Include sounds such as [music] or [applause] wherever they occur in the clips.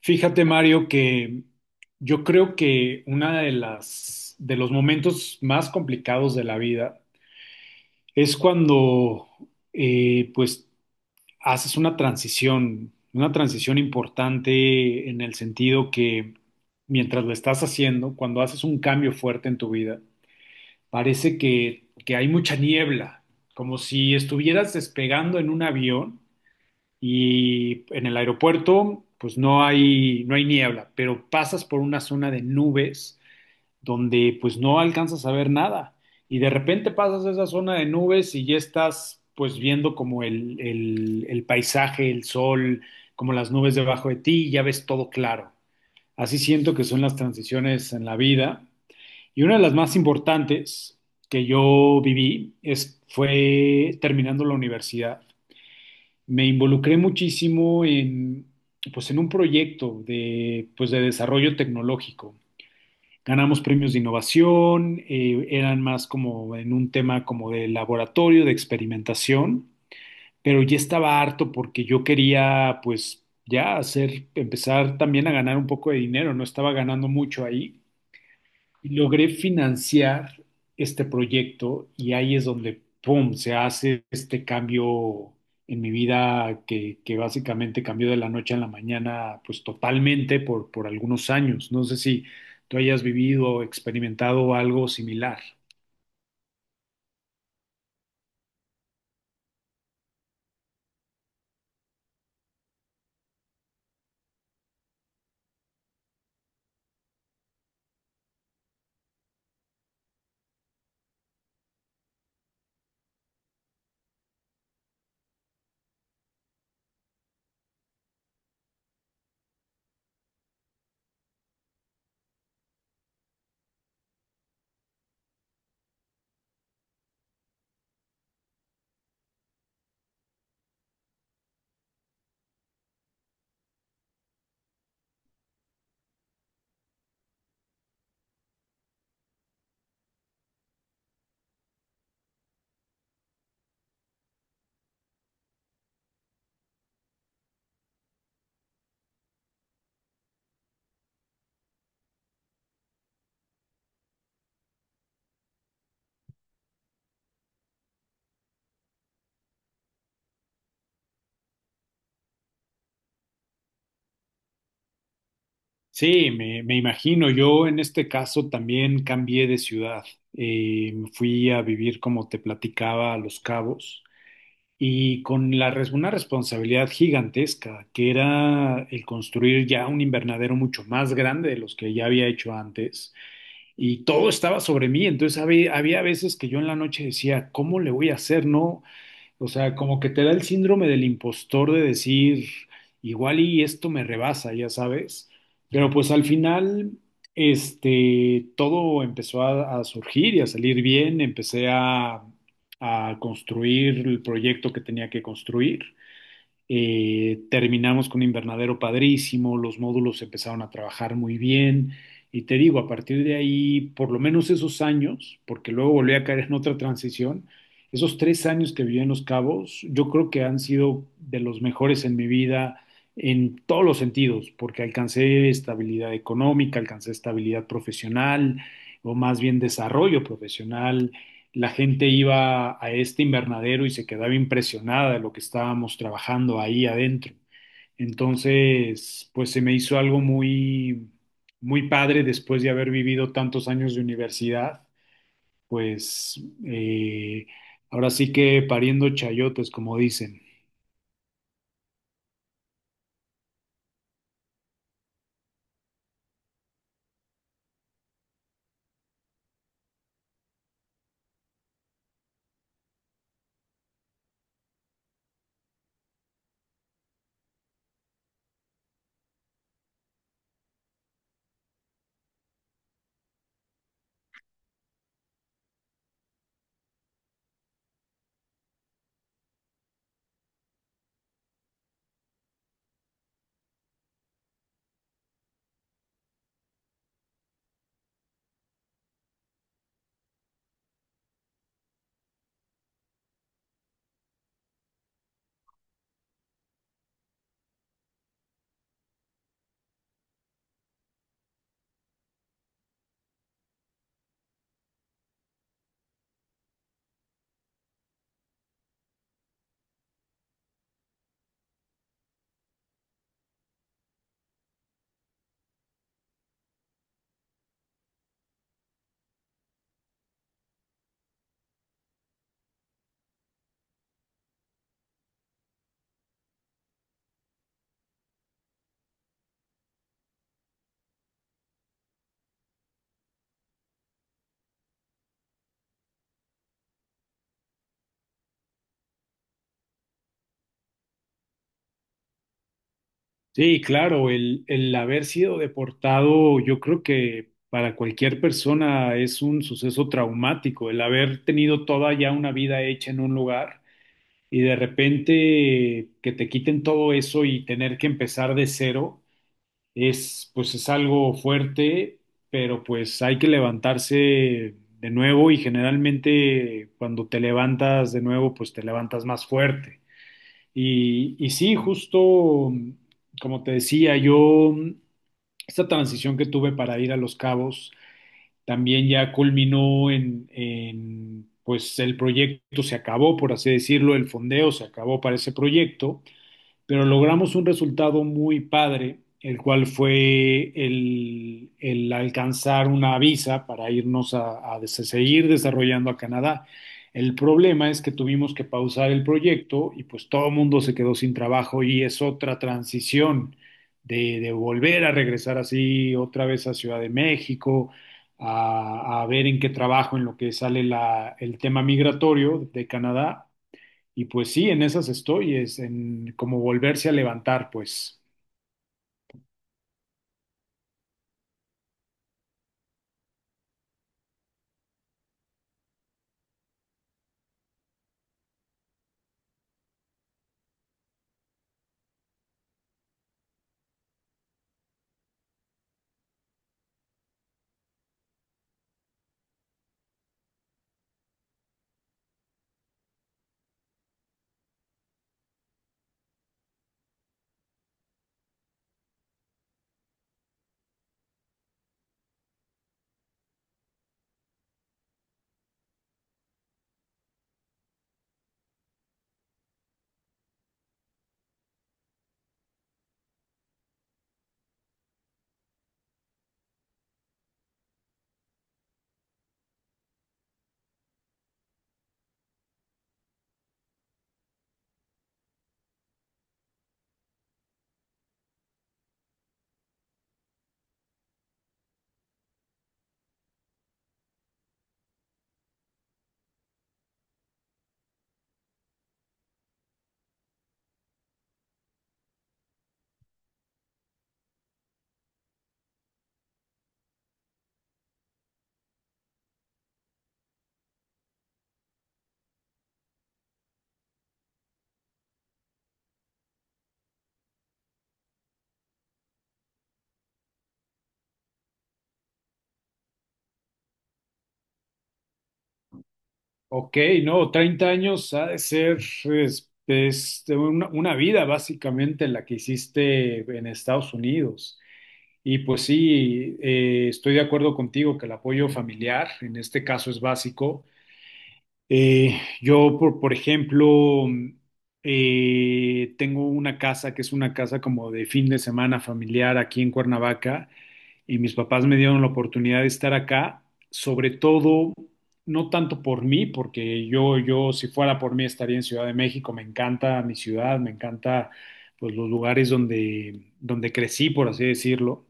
Fíjate, Mario, que yo creo que una de las de los momentos más complicados de la vida es cuando pues haces una transición importante en el sentido que mientras lo estás haciendo, cuando haces un cambio fuerte en tu vida, parece que hay mucha niebla, como si estuvieras despegando en un avión y en el aeropuerto pues no hay niebla, pero pasas por una zona de nubes donde pues no alcanzas a ver nada, y de repente pasas a esa zona de nubes y ya estás pues viendo como el paisaje, el sol, como las nubes debajo de ti, y ya ves todo claro. Así siento que son las transiciones en la vida, y una de las más importantes que yo viví fue terminando la universidad. Me involucré muchísimo pues en un proyecto pues de desarrollo tecnológico. Ganamos premios de innovación. Eran más como en un tema como de laboratorio, de experimentación, pero ya estaba harto porque yo quería, pues, ya empezar también a ganar un poco de dinero. No estaba ganando mucho ahí. Y logré financiar este proyecto, y ahí es donde, ¡pum!, se hace este cambio en mi vida que básicamente cambió de la noche a la mañana, pues totalmente por algunos años. No sé si tú hayas vivido o experimentado algo similar. Sí, me imagino. Yo en este caso también cambié de ciudad. Fui a vivir, como te platicaba, a Los Cabos. Y una responsabilidad gigantesca, que era el construir ya un invernadero mucho más grande de los que ya había hecho antes, y todo estaba sobre mí. Entonces había veces que yo en la noche decía, ¿cómo le voy a hacer? No, o sea, como que te da el síndrome del impostor de decir, igual y esto me rebasa, ya sabes. Pero pues al final, este, todo empezó a surgir y a salir bien. Empecé a construir el proyecto que tenía que construir. Terminamos con un invernadero padrísimo, los módulos empezaron a trabajar muy bien. Y te digo, a partir de ahí, por lo menos esos años, porque luego volví a caer en otra transición, esos 3 años que viví en Los Cabos, yo creo que han sido de los mejores en mi vida en todos los sentidos, porque alcancé estabilidad económica, alcancé estabilidad profesional, o más bien desarrollo profesional. La gente iba a este invernadero y se quedaba impresionada de lo que estábamos trabajando ahí adentro. Entonces, pues se me hizo algo muy, muy padre después de haber vivido tantos años de universidad. Pues ahora sí que pariendo chayotes, como dicen. Sí, claro, el haber sido deportado, yo creo que para cualquier persona es un suceso traumático; el haber tenido toda ya una vida hecha en un lugar y de repente que te quiten todo eso y tener que empezar de cero es pues es algo fuerte, pero pues hay que levantarse de nuevo, y generalmente cuando te levantas de nuevo pues te levantas más fuerte. Y sí, justo como te decía, yo, esta transición que tuve para ir a Los Cabos también ya culminó pues el proyecto se acabó, por así decirlo, el fondeo se acabó para ese proyecto, pero logramos un resultado muy padre, el cual fue el alcanzar una visa para irnos a seguir desarrollando a Canadá. El problema es que tuvimos que pausar el proyecto y pues todo el mundo se quedó sin trabajo, y es otra transición de volver a regresar así otra vez a Ciudad de México, a ver en qué trabajo en lo que sale el tema migratorio de Canadá, y pues sí, en esas estoy, es en como volverse a levantar, pues. Ok, no, 30 años ha de ser, es una vida básicamente la que hiciste en Estados Unidos. Y pues sí, estoy de acuerdo contigo que el apoyo familiar en este caso es básico. Yo, por ejemplo, tengo una casa que es una casa como de fin de semana familiar aquí en Cuernavaca, y mis papás me dieron la oportunidad de estar acá, sobre todo no tanto por mí, porque yo si fuera por mí estaría en Ciudad de México. Me encanta mi ciudad, me encanta pues los lugares donde crecí, por así decirlo,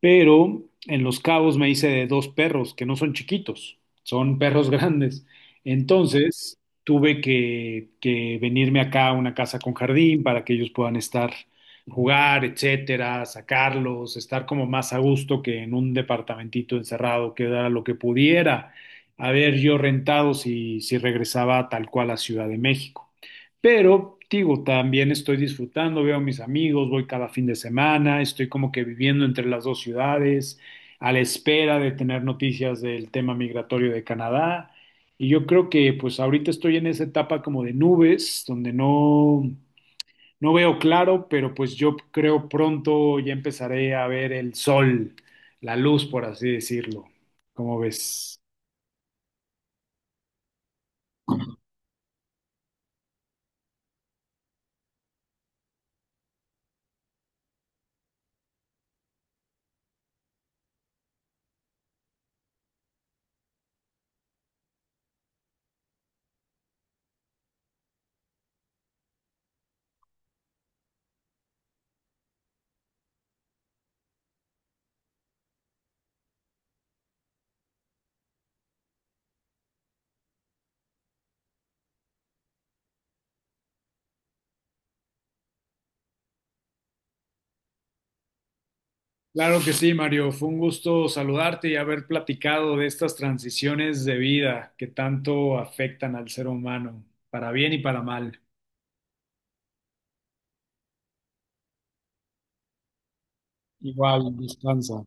pero en Los Cabos me hice de dos perros que no son chiquitos, son perros [laughs] grandes. Entonces tuve que venirme acá a una casa con jardín para que ellos puedan estar, jugar, etcétera, sacarlos, estar como más a gusto que en un departamentito encerrado, que era lo que pudiera haber yo rentado si regresaba tal cual a Ciudad de México. Pero, digo, también estoy disfrutando, veo a mis amigos, voy cada fin de semana, estoy como que viviendo entre las dos ciudades, a la espera de tener noticias del tema migratorio de Canadá. Y yo creo que pues ahorita estoy en esa etapa como de nubes, donde no veo claro, pero pues yo creo pronto ya empezaré a ver el sol, la luz, por así decirlo. ¿Cómo ves? Claro que sí, Mario. Fue un gusto saludarte y haber platicado de estas transiciones de vida que tanto afectan al ser humano, para bien y para mal. Igual, descansa.